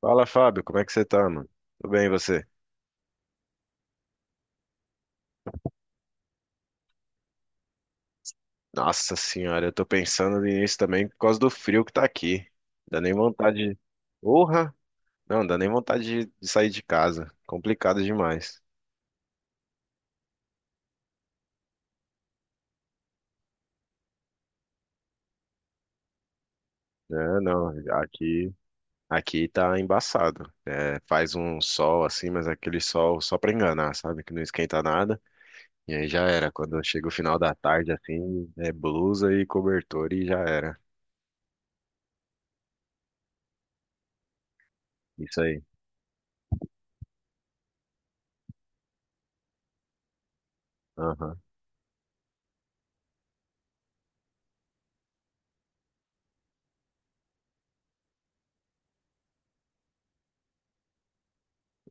Fala, Fábio, como é que você tá, mano? Tudo bem, e você? Nossa senhora, eu tô pensando nisso também por causa do frio que tá aqui. Dá nem vontade de... Porra! Não, dá nem vontade de sair de casa. Complicado demais. É, não, aqui, aqui tá embaçado. É, faz um sol assim, mas aquele sol só pra enganar, sabe? Que não esquenta nada. E aí já era. Quando chega o final da tarde, assim, é blusa e cobertor e já era. Isso aí. Aham.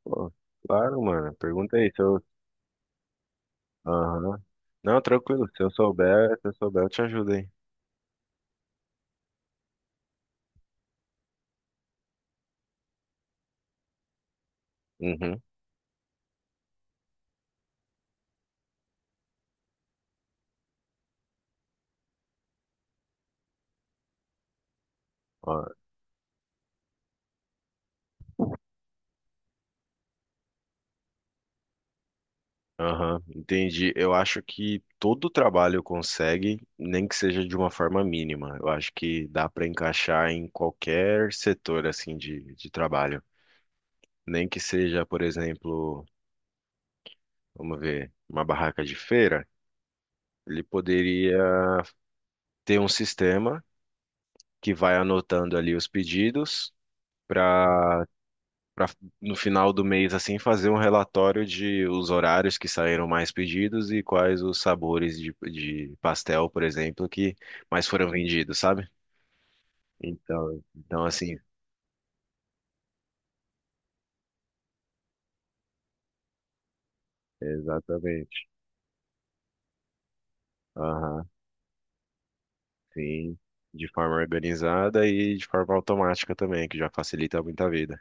Pô, claro, mano. Pergunta aí se eu, Aham. Não, tranquilo. Se eu souber, se eu souber, eu te ajudo, hein? Uhum. Ó, aham, entendi. Eu acho que todo trabalho consegue, nem que seja de uma forma mínima. Eu acho que dá para encaixar em qualquer setor assim de trabalho. Nem que seja, por exemplo, vamos ver, uma barraca de feira, ele poderia ter um sistema que vai anotando ali os pedidos para para no final do mês assim fazer um relatório de os horários que saíram mais pedidos e quais os sabores de pastel, por exemplo, que mais foram vendidos, sabe? Então, então assim, exatamente. Aham, sim, de forma organizada e de forma automática também, que já facilita muito a vida.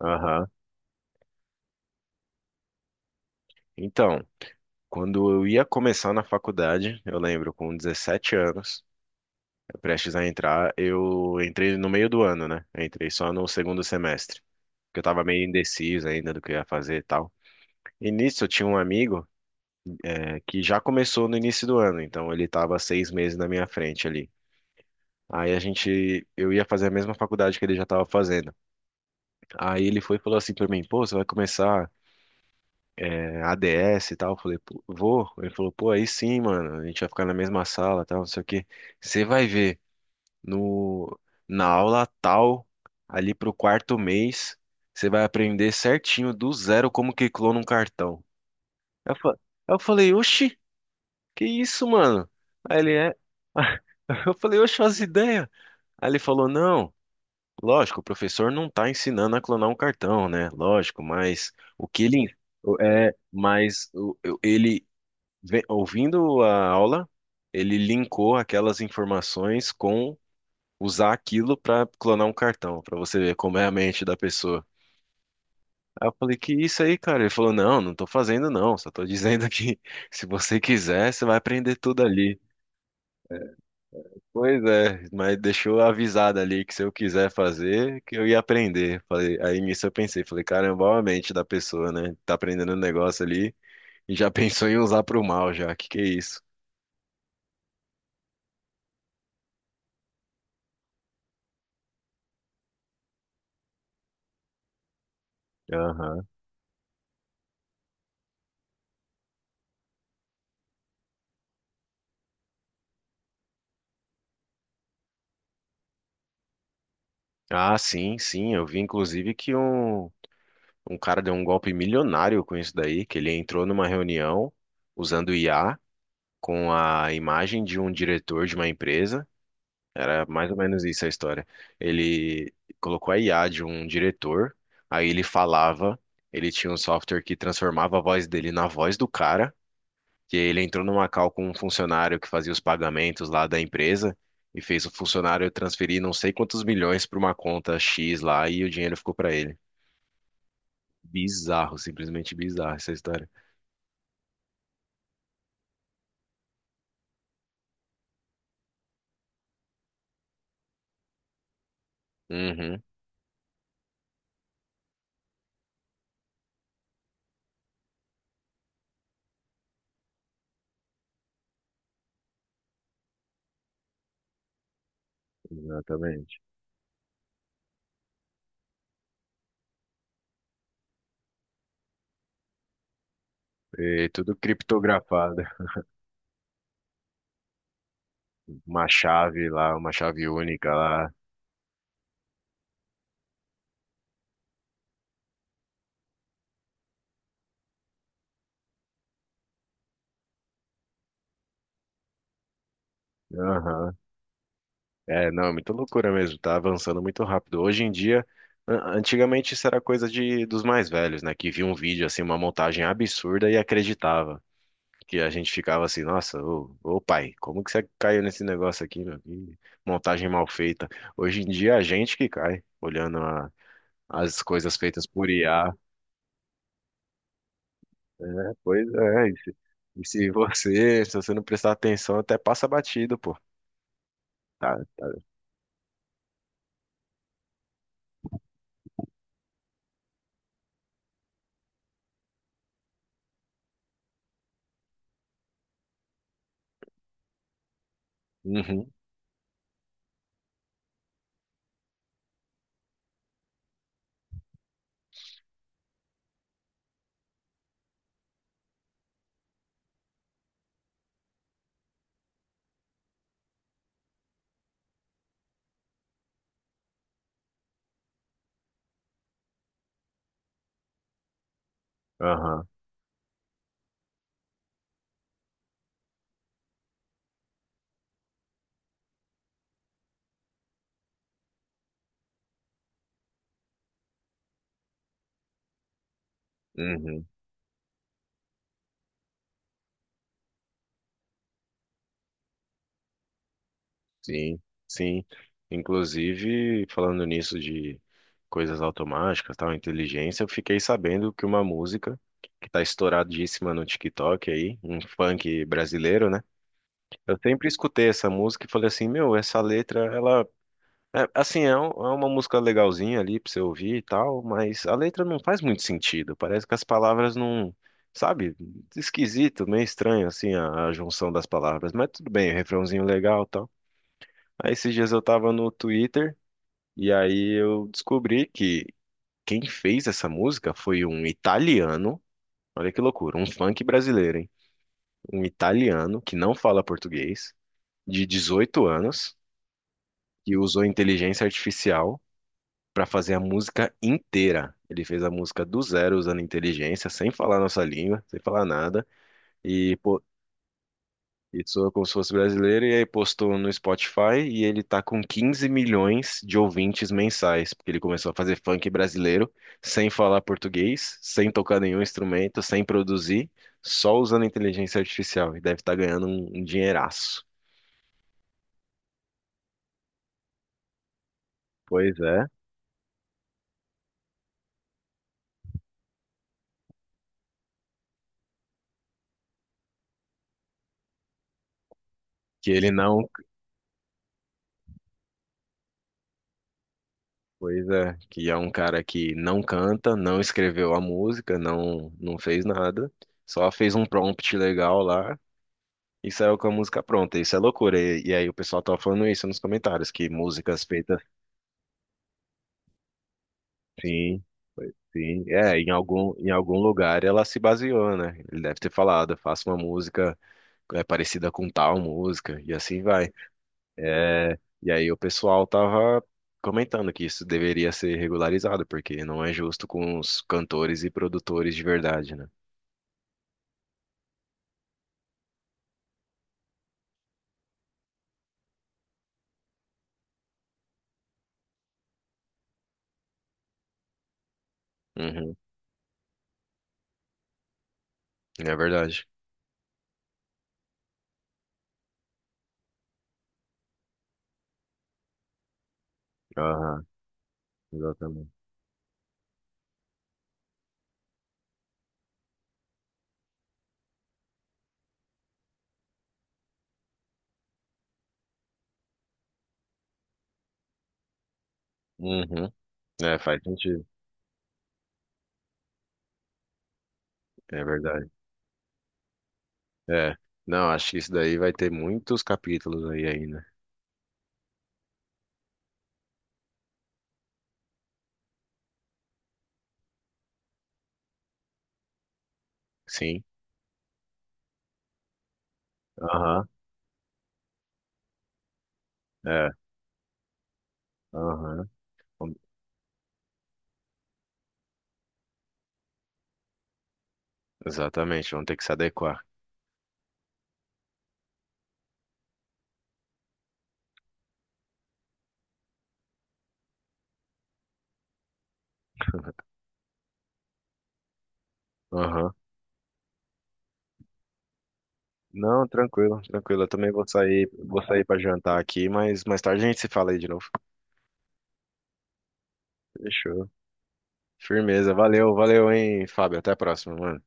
Aham. Então, quando eu ia começar na faculdade, eu lembro com 17 anos, prestes a entrar, eu entrei no meio do ano, né? Eu entrei só no segundo semestre, porque eu tava meio indeciso ainda do que eu ia fazer e tal. E nisso eu tinha um amigo, que já começou no início do ano, então ele tava 6 meses na minha frente ali. Aí a gente, eu ia fazer a mesma faculdade que ele já tava fazendo. Aí ele foi e falou assim pra mim, pô, você vai começar ADS e tal? Eu falei, pô, vou. Ele falou, pô, aí sim, mano, a gente vai ficar na mesma sala e tal, não sei o quê. Você vai ver. No, na aula tal, ali pro quarto mês, você vai aprender certinho do zero como que clona um cartão. Eu, fa- eu falei, oxi, que isso, mano? Aí ele é. Eu falei, oxe, as ideias. Aí ele falou, não, lógico, o professor não tá ensinando a clonar um cartão, né? Lógico, mas o que ele. É, mas ele, ouvindo a aula, ele linkou aquelas informações com usar aquilo pra clonar um cartão, pra você ver como é a mente da pessoa. Aí eu falei, que isso aí, cara? Ele falou, não, não tô fazendo não, só tô dizendo que se você quiser, você vai aprender tudo ali. Pois é, mas deixou avisado ali que se eu quiser fazer, que eu ia aprender. Falei, aí nisso eu pensei, falei, caramba, olha a mente da pessoa, né? Tá aprendendo um negócio ali e já pensou em usar pro mal já, que é isso? Aham. Ah, sim, eu vi inclusive que um Um cara deu um golpe milionário com isso daí, que ele entrou numa reunião usando IA com a imagem de um diretor de uma empresa. Era mais ou menos isso a história. Ele colocou a IA de um diretor, aí ele falava, ele tinha um software que transformava a voz dele na voz do cara, que ele entrou numa call com um funcionário que fazia os pagamentos lá da empresa e fez o funcionário transferir não sei quantos milhões para uma conta X lá e o dinheiro ficou para ele. Bizarro, simplesmente bizarro essa história. Uhum, exatamente. E tudo criptografado. Uma chave lá, uma chave única lá. Aham. É, não, é muita loucura mesmo, tá avançando muito rápido. Hoje em dia, antigamente isso era coisa de, dos mais velhos, né? Que via um vídeo, assim, uma montagem absurda e acreditava. Que a gente ficava assim, nossa, ô, pai, como que você caiu nesse negócio aqui, meu? Que montagem mal feita. Hoje em dia, é a gente que cai, olhando as coisas feitas por IA. É, pois é. E se você, se você não prestar atenção, até passa batido, pô. Tá, tá. Uhum, aham, uhum, sim, sim. Inclusive, falando nisso de coisas automáticas, tal, inteligência, eu fiquei sabendo que uma música que tá estouradíssima no TikTok aí, um funk brasileiro, né? Eu sempre escutei essa música e falei assim, meu, essa letra, ela É, assim, é, é uma música legalzinha ali pra você ouvir e tal, mas a letra não faz muito sentido. Parece que as palavras não, sabe? Esquisito, meio estranho, assim, a junção das palavras. Mas tudo bem, refrãozinho legal e tal. Aí esses dias eu tava no Twitter e aí eu descobri que quem fez essa música foi um italiano. Olha que loucura, um funk brasileiro, hein? Um italiano que não fala português, de 18 anos, que usou inteligência artificial para fazer a música inteira. Ele fez a música do zero usando inteligência, sem falar nossa língua, sem falar nada, e pô, e soa como se fosse brasileiro, e aí postou no Spotify e ele tá com 15 milhões de ouvintes mensais, porque ele começou a fazer funk brasileiro sem falar português, sem tocar nenhum instrumento, sem produzir, só usando inteligência artificial, e deve estar ganhando um dinheiraço. Pois é, que ele não Pois é, que é um cara que não canta, não escreveu a música, não fez nada, só fez um prompt legal lá e saiu com a música pronta. Isso é loucura. E aí o pessoal tava falando isso nos comentários, que músicas feitas, sim, sim, é, em algum lugar ela se baseou, né? Ele deve ter falado, faça uma música é parecida com tal música, e assim vai. É, e aí o pessoal tava comentando que isso deveria ser regularizado, porque não é justo com os cantores e produtores de verdade, né? Uhum, é verdade. Aham, exatamente. Uhum, é, faz sentido. É verdade. É, não, acho que isso daí vai ter muitos capítulos aí ainda. Sim, aham, é, aham. Vamos- Exatamente, vamos ter que se adequar. Aham. Não, tranquilo, tranquilo. Eu também vou sair para jantar aqui, mas mais tarde a gente se fala aí de novo. Fechou. Firmeza. Valeu, valeu, hein, Fábio. Até a próxima, mano.